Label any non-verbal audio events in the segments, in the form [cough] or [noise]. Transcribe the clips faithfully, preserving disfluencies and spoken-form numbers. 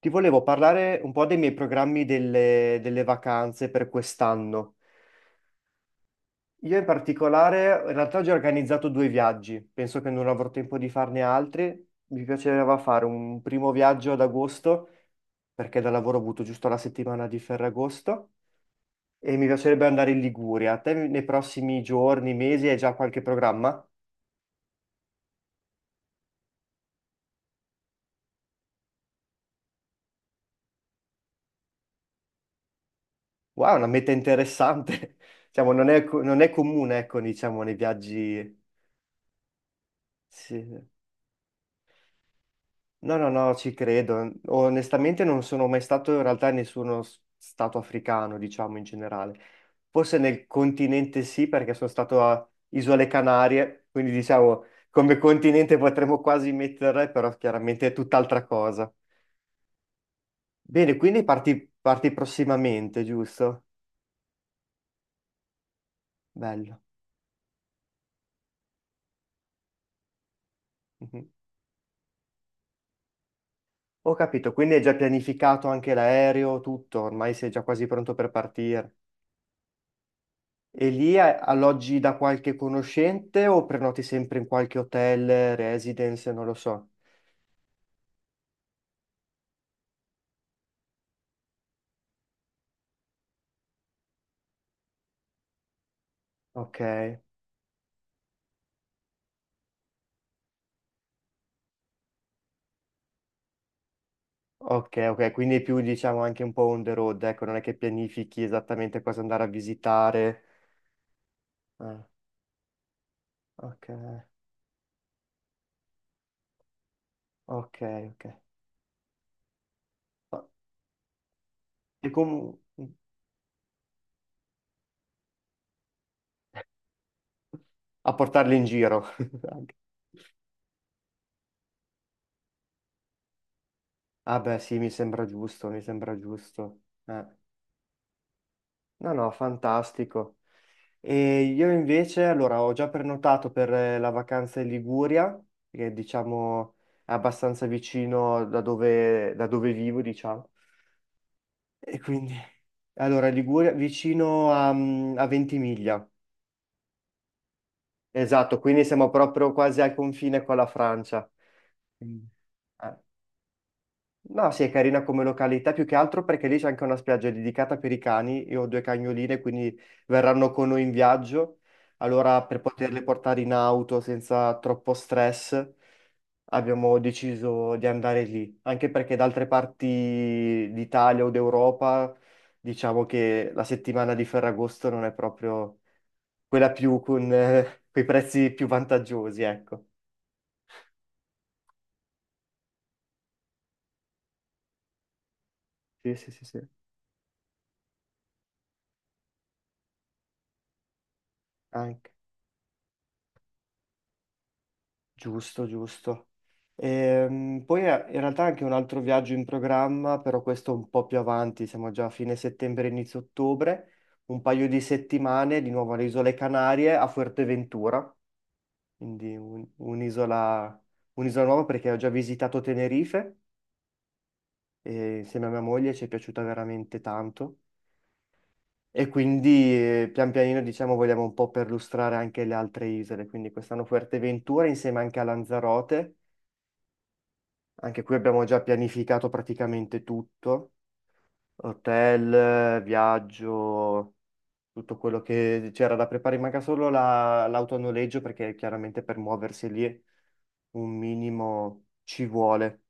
Ti volevo parlare un po' dei miei programmi delle, delle vacanze per quest'anno. Io in particolare, in realtà ho già organizzato due viaggi, penso che non avrò tempo di farne altri. Mi piaceva fare un primo viaggio ad agosto, perché da lavoro ho avuto giusto la settimana di Ferragosto, e mi piacerebbe andare in Liguria. Te nei prossimi giorni, mesi, hai già qualche programma? Wow, una meta interessante. [laughs] Diciamo, non è, co- non è comune, ecco, diciamo, nei viaggi. Sì. No, no, no, ci credo. Onestamente non sono mai stato in realtà in nessuno s- stato africano, diciamo in generale. Forse nel continente sì, perché sono stato a Isole Canarie, quindi diciamo come continente potremmo quasi mettere, però chiaramente è tutt'altra cosa. Bene, quindi parti, parti prossimamente, giusto? Bello. Mhm. Ho capito, quindi hai già pianificato anche l'aereo, tutto, ormai sei già quasi pronto per partire. E lì a- alloggi da qualche conoscente o prenoti sempre in qualche hotel, residence, non lo so. Ok, ok, ok, quindi è più diciamo anche un po' on the road, ecco, non è che pianifichi esattamente cosa andare a visitare. Ah, ok, ok, ok. Ma- E com- a portarli in giro. [laughs] anche. Ah beh, sì, mi sembra giusto, mi sembra giusto. Eh. No, no, fantastico. E io invece, allora, ho già prenotato per eh, la vacanza in Liguria, che diciamo è abbastanza vicino da dove, da dove vivo, diciamo. E quindi, allora, Liguria vicino a, mm, a Ventimiglia. Esatto, quindi siamo proprio quasi al confine con la Francia. Mm. Eh, No, sì, è carina come località, più che altro perché lì c'è anche una spiaggia dedicata per i cani. Io ho due cagnoline, quindi verranno con noi in viaggio. Allora, per poterle portare in auto senza troppo stress, abbiamo deciso di andare lì. Anche perché da altre parti d'Italia o d'Europa, diciamo che la settimana di Ferragosto non è proprio quella più con, eh, quei prezzi più vantaggiosi, ecco. Sì, sì, sì, sì. Anche. Giusto, giusto. Ehm, poi eh, in realtà anche un altro viaggio in programma, però questo un po' più avanti, siamo già a fine settembre, inizio ottobre, un paio di settimane di nuovo alle Isole Canarie a Fuerteventura, quindi un- un'isola un'isola nuova perché ho già visitato Tenerife e insieme a mia moglie ci è piaciuta veramente tanto e quindi eh, pian pianino diciamo vogliamo un po' perlustrare anche le altre isole, quindi quest'anno Fuerteventura insieme anche a Lanzarote. Anche qui abbiamo già pianificato praticamente tutto, hotel, viaggio, tutto quello che c'era da preparare, manca solo la- l'auto a noleggio perché chiaramente per muoversi lì un minimo ci vuole.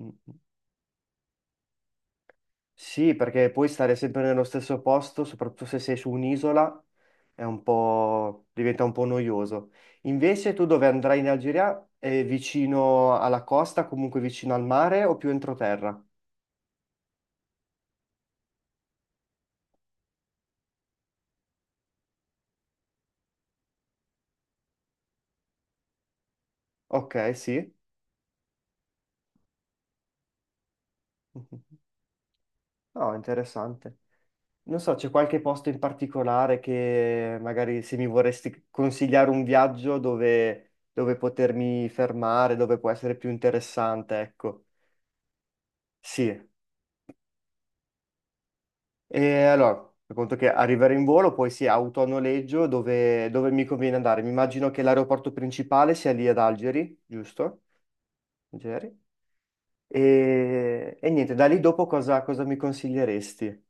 Mm. Mm. Sì, perché poi stare sempre nello stesso posto, soprattutto se sei su un'isola, è un po'... diventa un po' noioso. Invece tu dove andrai in Algeria? È vicino alla costa, comunque vicino al mare o più entroterra? Ok, sì. [laughs] No, interessante. Non so, c'è qualche posto in particolare che magari se mi vorresti consigliare un viaggio dove, dove potermi fermare, dove può essere più interessante, ecco. Sì. E allora, per conto che arrivare in volo, poi sì, auto a noleggio, dove, dove mi conviene andare? Mi immagino che l'aeroporto principale sia lì ad Algeri, giusto? Algeri. E, e niente, da lì dopo cosa, cosa mi consiglieresti?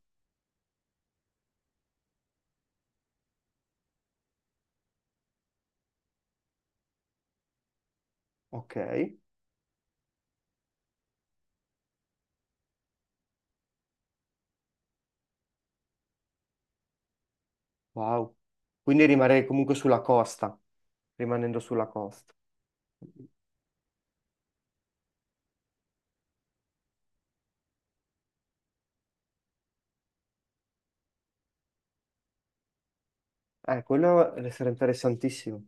Ok. Wow. Quindi rimarrei comunque sulla costa, rimanendo sulla costa. Eh, quello sarà interessantissimo.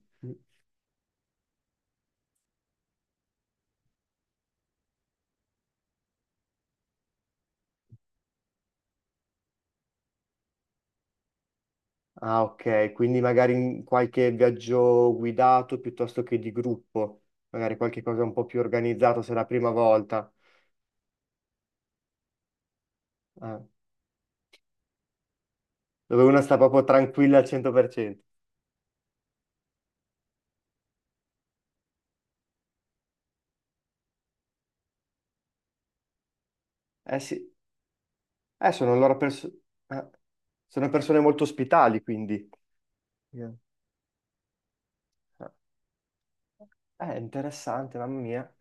Ah, ok, quindi magari in qualche viaggio guidato piuttosto che di gruppo, magari qualche cosa un po' più organizzato se è la prima volta. Ah, dove uno sta proprio tranquilla al cento per cento. Eh sì, eh, sono loro perso- eh, sono persone molto ospitali, quindi. Eh, eh, è interessante, mamma mia.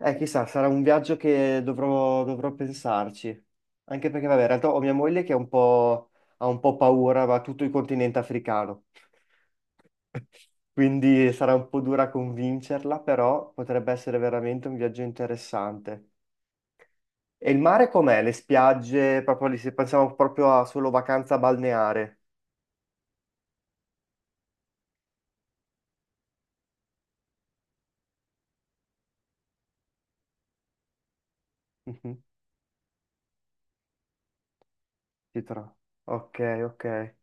Eh, chissà, sarà un viaggio che dovrò, dovrò pensarci. Anche perché, vabbè, in realtà ho mia moglie che è un po', ha un po' paura, va tutto il continente africano. Quindi sarà un po' dura convincerla, però potrebbe essere veramente un viaggio interessante. E il mare com'è? Le spiagge, proprio lì, se pensiamo proprio a solo vacanza balneare. Mhm, si trova. Ok, ok.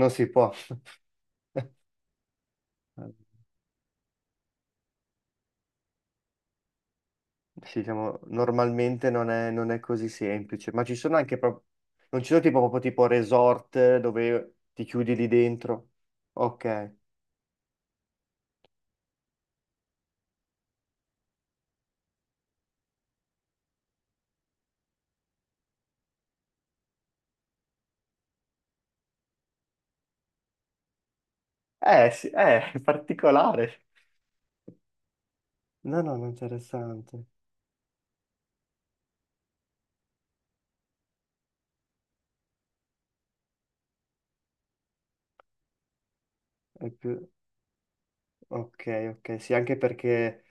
Non si può. [laughs] Sì, diciamo, normalmente non è, non è così semplice, ma ci sono anche proprio, non ci sono tipo, proprio tipo resort dove ti chiudi lì dentro. Ok. Eh, sì, eh, [laughs] è particolare. No, no, non interessante. È più. Ok, ok, sì, anche perché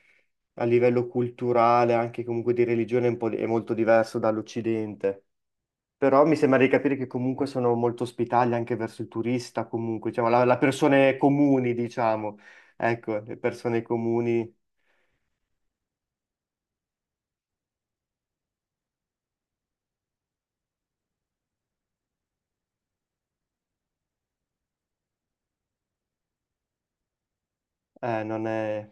a livello culturale, anche comunque di religione, è, un po' di- è molto diverso dall'Occidente. Però mi sembra di capire che comunque sono molto ospitali anche verso il turista, comunque, diciamo, la, la persone comuni, diciamo. Ecco, le persone comuni eh, non è.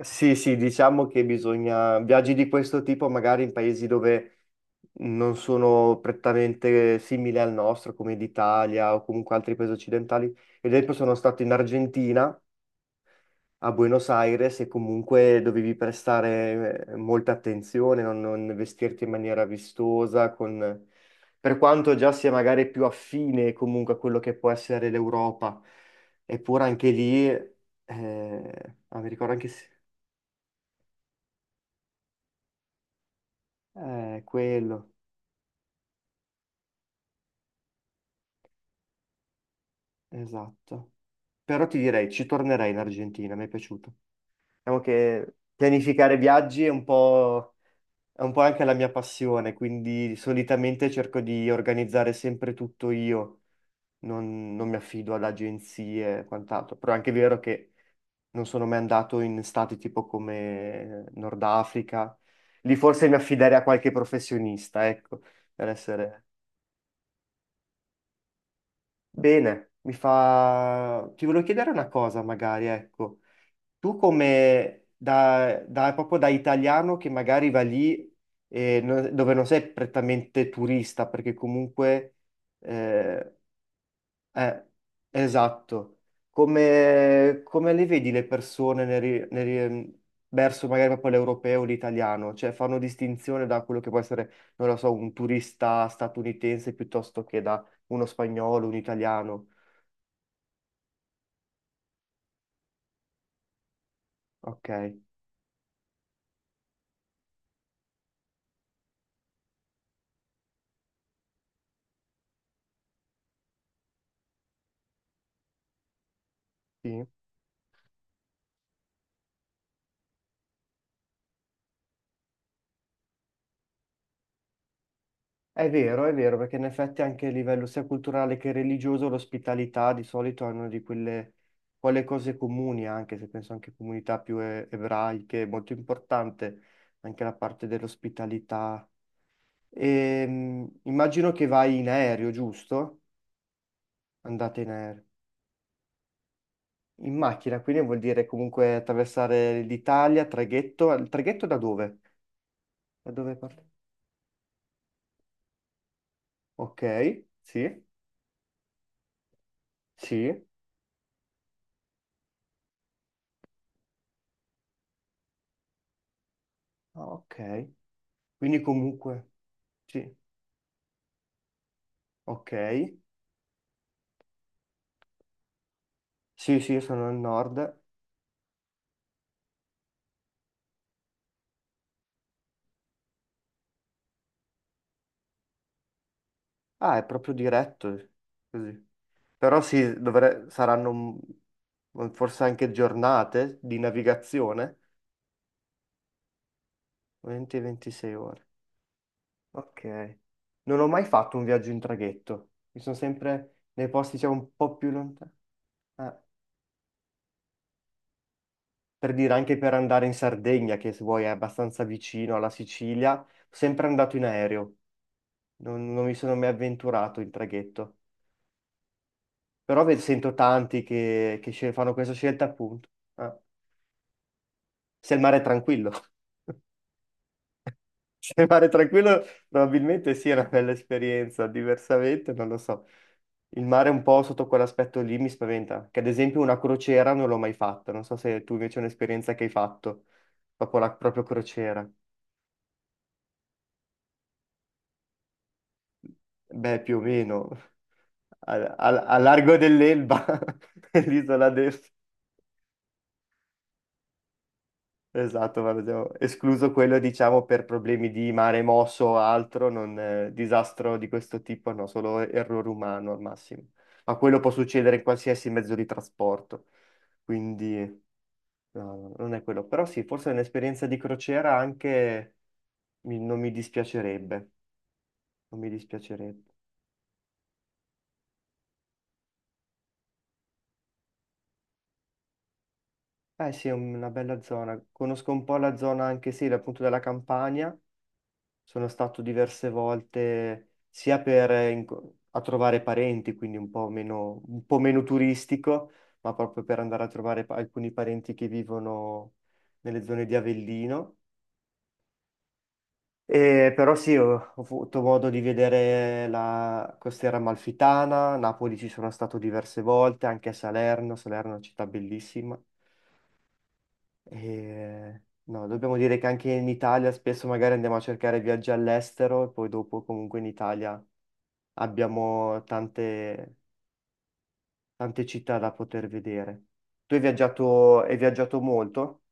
Sì, sì, diciamo che bisogna. Viaggi di questo tipo magari in paesi dove non sono prettamente simili al nostro, come l'Italia o comunque altri paesi occidentali. Ad esempio sono stato in Argentina a Buenos Aires e comunque dovevi prestare eh, molta attenzione, non, non vestirti in maniera vistosa, con- Per quanto già sia magari più affine comunque a quello che può essere l'Europa, eppure anche lì, eh, ah, mi ricordo anche se. Eh, quello, esatto. Però ti direi, ci tornerei in Argentina, mi è piaciuto. Diciamo che pianificare viaggi è un po'. È un po' anche la mia passione, quindi solitamente cerco di organizzare sempre tutto io, non, non mi affido ad agenzie e quant'altro, però è anche vero che non sono mai andato in stati tipo come Nord Africa, lì forse mi affiderei a qualche professionista, ecco, per essere. Bene, mi fa. Ti volevo chiedere una cosa magari, ecco. Tu come da, da- proprio da italiano che magari va lì e no- dove non sei prettamente turista, perché comunque eh, eh, esatto, come, come le vedi le persone nel ri- nel ri- verso magari proprio l'europeo o l'italiano? Cioè fanno distinzione da quello che può essere, non lo so, un turista statunitense piuttosto che da uno spagnolo, un italiano. Ok, sì. È vero, è vero, perché in effetti anche a livello sia culturale che religioso l'ospitalità di solito è una di quelle, quelle cose comuni, anche se penso anche a comunità più e- ebraiche, è molto importante anche la parte dell'ospitalità. Ehm, immagino che vai in aereo, giusto? Andate in aereo. In macchina, quindi vuol dire comunque attraversare l'Italia, traghetto. Il traghetto da dove? Da dove parte? Ok, sì, sì, ah, ok. Quindi comunque, sì. Ok. Sì, sì, sono al nord. Ah, è proprio diretto, così. Però sì, dovre- saranno mm, forse anche giornate di navigazione, venti a ventisei ore. Ok. Non ho mai fatto un viaggio in traghetto. Mi sono sempre nei posti, diciamo, un po' più lontani. Eh, Per dire, anche per andare in Sardegna, che se vuoi è abbastanza vicino alla Sicilia, sempre andato in aereo. Non, non mi sono mai avventurato in traghetto. Però ve- sento tanti che, che scel- fanno questa scelta appunto. Ah, se il mare è tranquillo. [laughs] Se il mare è tranquillo, probabilmente sì, è una bella esperienza. Diversamente, non lo so. Il mare un po' sotto quell'aspetto lì mi spaventa. Che ad esempio una crociera non l'ho mai fatta. Non so se tu invece è un'esperienza che hai fatto. Dopo la proprio crociera. Beh, più o meno. Al, al- al largo dell'Elba, [laughs] l'isola del. Esatto, guarda, abbiamo escluso quello, diciamo, per problemi di mare mosso o altro, non, eh, disastro di questo tipo, no, solo errore umano al massimo. Ma quello può succedere in qualsiasi mezzo di trasporto, quindi no, no, no, non è quello. Però sì, forse un'esperienza di crociera anche mi- non mi dispiacerebbe, non mi dispiacerebbe. Eh sì, è una bella zona, conosco un po' la zona anche sì, appunto della Campania. Sono stato diverse volte sia per eh, inco- a trovare parenti, quindi un po' meno, un po' meno turistico, ma proprio per andare a trovare pa- alcuni parenti che vivono nelle zone di Avellino. E però sì, ho, ho avuto modo di vedere la costiera amalfitana, Napoli ci sono stato diverse volte, anche a Salerno, Salerno è una città bellissima. E, no, dobbiamo dire che anche in Italia spesso magari andiamo a cercare viaggi all'estero e poi dopo comunque in Italia abbiamo tante, tante città da poter vedere. Tu hai viaggiato, hai viaggiato molto?